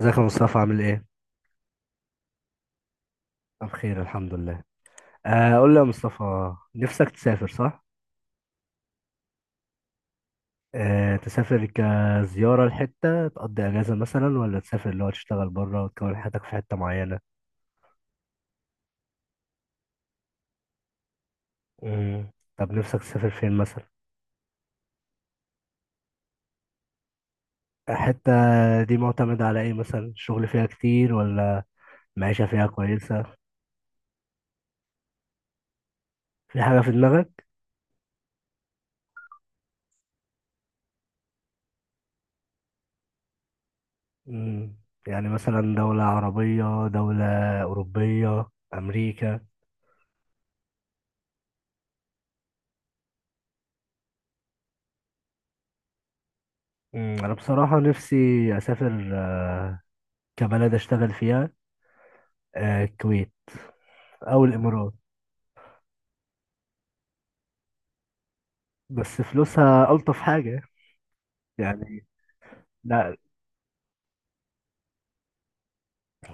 ازيك يا مصطفى؟ عامل ايه؟ أنا بخير الحمد لله. قول لي يا مصطفى، نفسك تسافر صح؟ تسافر كزيارة لحتة تقضي أجازة مثلا، ولا تسافر اللي هو تشتغل بره وتكون حياتك في حتة معينة؟ مم. طب نفسك تسافر فين مثلا؟ الحتة دي معتمدة على ايه مثلا؟ الشغل فيها كتير، ولا معيشة فيها كويسة؟ في حاجة في دماغك؟ مم. يعني مثلا دولة عربية، دولة أوروبية، أمريكا؟ أنا بصراحة نفسي أسافر كبلد اشتغل فيها. الكويت او الامارات. بس فلوسها الطف حاجه يعني. لا،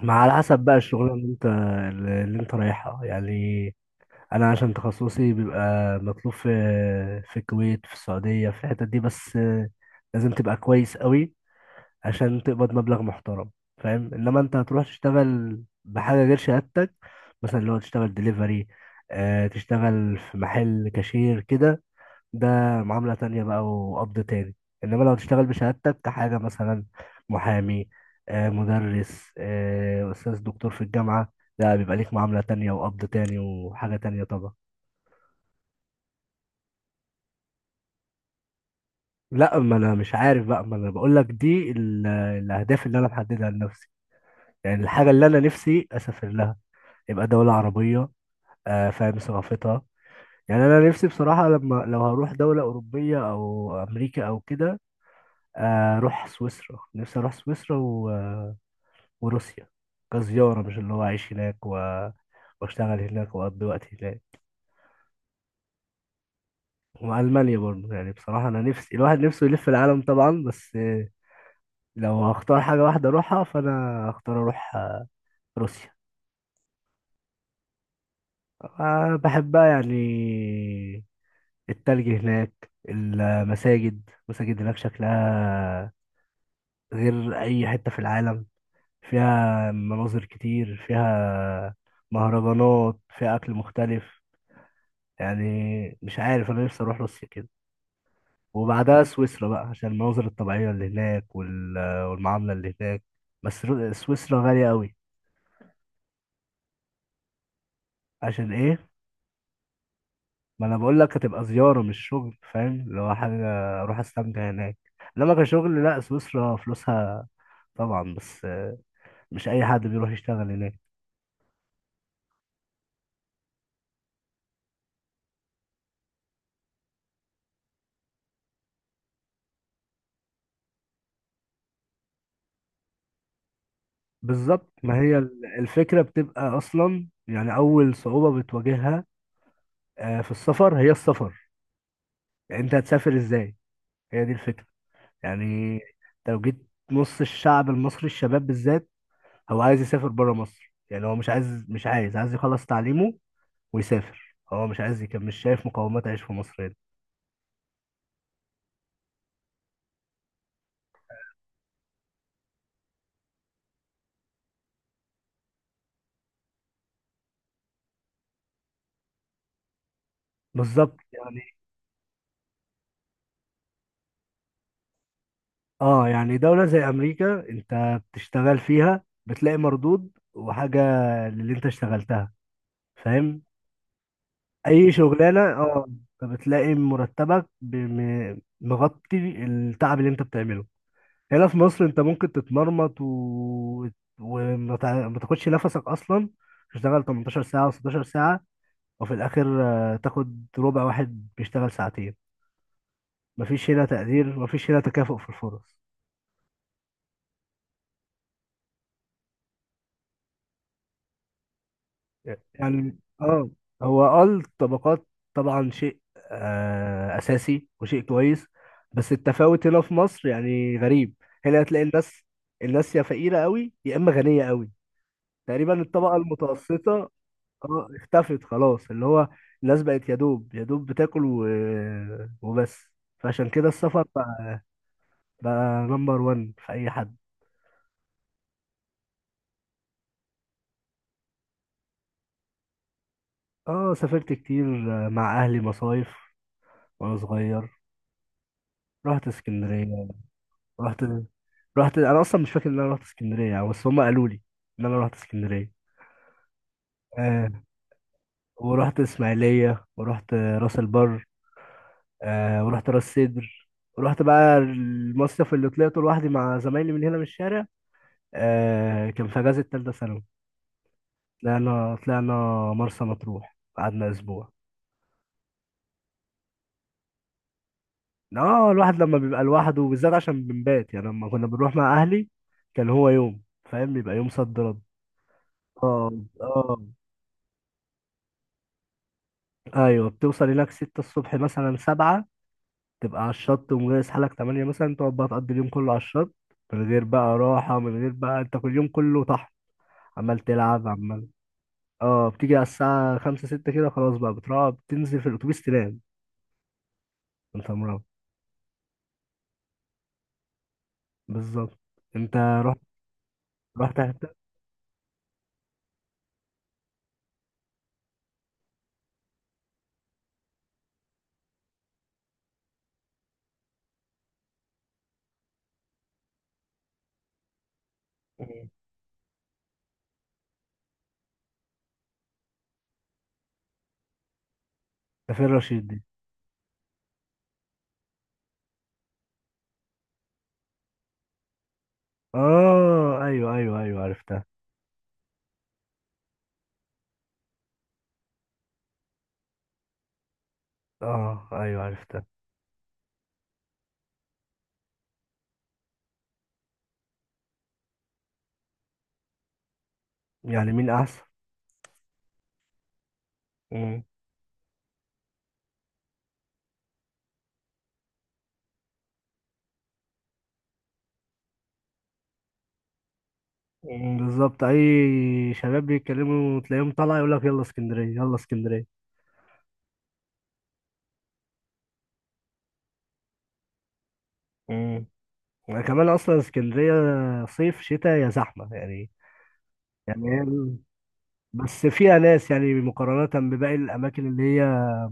مع على حسب بقى الشغلانه اللي انت رايحها يعني. انا عشان تخصصي بيبقى مطلوب في الكويت، في السعوديه، في الحتت دي، بس لازم تبقى كويس قوي عشان تقبض مبلغ محترم، فاهم؟ انما انت هتروح تشتغل بحاجه غير شهادتك، مثلا لو تشتغل ديليفري، تشتغل في محل كاشير كده، ده معاملة تانية بقى وقبض تاني. إنما لو تشتغل بشهادتك كحاجة مثلا محامي، مدرس، أستاذ دكتور في الجامعة، لا، بيبقى ليك معاملة تانية وقبض تاني وحاجة تانية طبعا. لا، ما أنا مش عارف بقى، ما أنا بقول لك دي الأهداف اللي أنا محددها لنفسي، يعني الحاجة اللي أنا نفسي أسافر لها، يبقى دولة عربية فاهم ثقافتها. يعني أنا نفسي بصراحة، لو هروح دولة أوروبية أو أمريكا أو كده، أروح سويسرا، نفسي أروح سويسرا وروسيا كزيارة، مش اللي هو وأشتغل هناك وأقضي وقت هناك. وألمانيا برضه. يعني بصراحة أنا نفسي الواحد نفسه يلف العالم طبعا، بس لو هختار حاجة واحدة أروحها فأنا هختار أروح روسيا. أنا بحبها يعني. التلج هناك، المساجد هناك شكلها غير أي حتة في العالم، فيها مناظر كتير، فيها مهرجانات، فيها أكل مختلف. يعني مش عارف، انا نفسي اروح روسيا كده، وبعدها سويسرا بقى عشان المناظر الطبيعية اللي هناك والمعاملة اللي هناك. بس سويسرا غالية قوي. عشان ايه؟ ما انا بقول لك هتبقى زيارة مش شغل، فاهم؟ اللي هو حاجة اروح استمتع هناك. انما كشغل، لا، سويسرا فلوسها طبعا، بس مش اي حد بيروح يشتغل هناك. بالظبط، ما هي الفكرة بتبقى اصلا يعني اول صعوبة بتواجهها في السفر. هي السفر يعني، انت هتسافر ازاي؟ هي دي الفكرة يعني. انت لو جيت نص الشعب المصري، الشباب بالذات، هو عايز يسافر بره مصر. يعني هو مش عايز يخلص تعليمه ويسافر، هو مش عايز يكمل، مش شايف مقومات عيش في مصر هنا. بالظبط يعني. اه، يعني دولة زي امريكا انت بتشتغل فيها بتلاقي مردود وحاجة للي انت اشتغلتها، فاهم؟ اي شغلانة، اه، بتلاقي مرتبك مغطي التعب اللي انت بتعمله. هنا في مصر انت ممكن تتمرمط ما تاخدش نفسك اصلا، تشتغل 18 ساعة و16 ساعة وفي الاخر تاخد ربع واحد بيشتغل ساعتين. مفيش هنا تقدير، مفيش هنا تكافؤ في الفرص. يعني اه، هو اه الطبقات طبعا شيء اساسي وشيء كويس، بس التفاوت هنا في مصر يعني غريب. هنا هتلاقي الناس يا فقيرة قوي يا اما غنية قوي، تقريبا الطبقة المتوسطة اه اختفت خلاص. اللي هو الناس بقت يا دوب يا دوب بتاكل وبس. فعشان كده السفر بقى، بقى نمبر وان في اي حد. اه سافرت كتير مع اهلي مصايف وانا صغير. رحت اسكندريه. رحت رحت انا اصلا مش فاكر ان انا رحت اسكندريه يعني، بس هم قالوا لي ان انا رحت اسكندريه. آه ورحت اسماعيليه، ورحت راس البر، ورحت راس سدر، ورحت بقى المصيف اللي طلعته لوحدي مع زمايلي من هنا من الشارع. كان في اجازه تالتة ثانوي. طلعنا مرسى مطروح، قعدنا اسبوع. اه، الواحد لما بيبقى لوحده وبالذات عشان بنبات، يعني لما كنا بنروح مع اهلي كان هو يوم، فاهم؟ بيبقى يوم صد رد. اه اه ايوه، بتوصل هناك ستة الصبح مثلا، سبعة، تبقى على الشط ومجهز حالك تمانية مثلا، تقعد بقى تقضي اليوم كله على الشط من غير بقى راحة، من غير بقى، انت كل يوم كله طحن، عمال تلعب عمال. اه بتيجي على الساعة خمسة ستة كده، خلاص بقى بتروح، بتنزل في الأتوبيس تنام، انت مروح. بالظبط. انت رحت، رحت حته. مم. سفير رشيد دي؟ اه ايوه ايوه ايوه، عرفتها. اه ايوه عرفتها. يعني مين احسن؟ مم. مم، بالظبط. اي شباب بيتكلموا تلاقيهم طالع يقول لك يلا اسكندريه يلا اسكندريه. مم. كمان اصلا اسكندريه صيف شتاء يا زحمه يعني. يعني هي بس فيها ناس، يعني مقارنه بباقي الاماكن اللي هي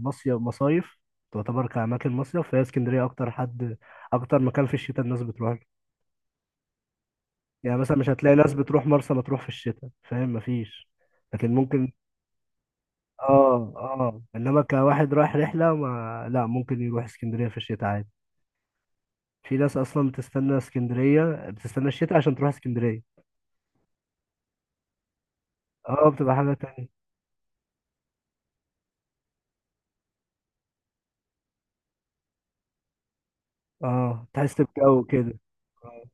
مصيف، مصايف تعتبر كأماكن مصيف، فهي اسكندرية أكتر حد، أكتر مكان في الشتاء الناس بتروح. يعني مثلا مش هتلاقي ناس بتروح مرسى مطروح في الشتاء، فاهم؟ مفيش. لكن ممكن، اه اه، انما كواحد رايح رحله، ما لا، ممكن يروح اسكندريه في الشتاء عادي. في ناس اصلا بتستنى اسكندريه، بتستنى الشتاء عشان تروح اسكندريه. اه، بتبقى حاجه تانية. اه تحس بجو كده. آه.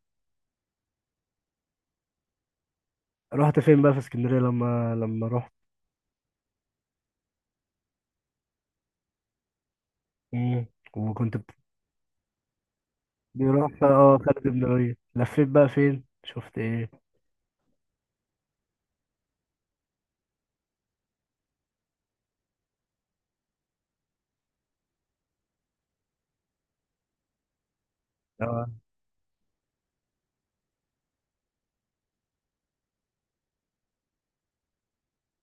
رحت فين بقى في اسكندريه لما رحت؟ مم. وكنت رحت اه خالد بن الوليد، لفيت بقى فين، شفت ايه؟ آه.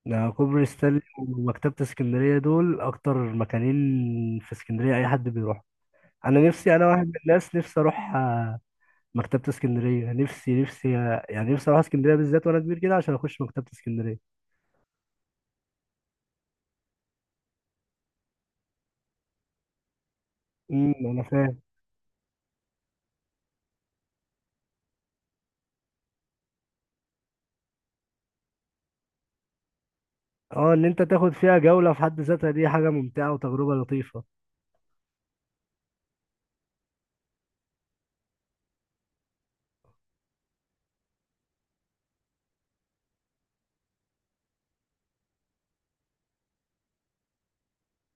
ده كوبري ستانلي ومكتبة اسكندرية دول أكتر مكانين في اسكندرية أي حد بيروح. أنا نفسي، أنا واحد من الناس نفسي أروح مكتبة اسكندرية، نفسي يعني نفسي أروح اسكندرية بالذات وأنا كبير كده عشان أخش مكتبة اسكندرية. أمم، أنا فاهم. أه، إن أنت تاخد فيها جولة في حد ذاتها دي حاجة ممتعة وتجربة لطيفة.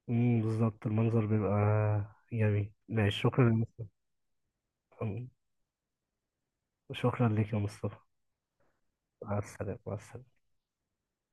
أمم بالظبط، المنظر بيبقى جميل. ماشي، شكرا يا مصطفى. أمم، شكرا لك يا مصطفى. مع السلامة مع السلامة.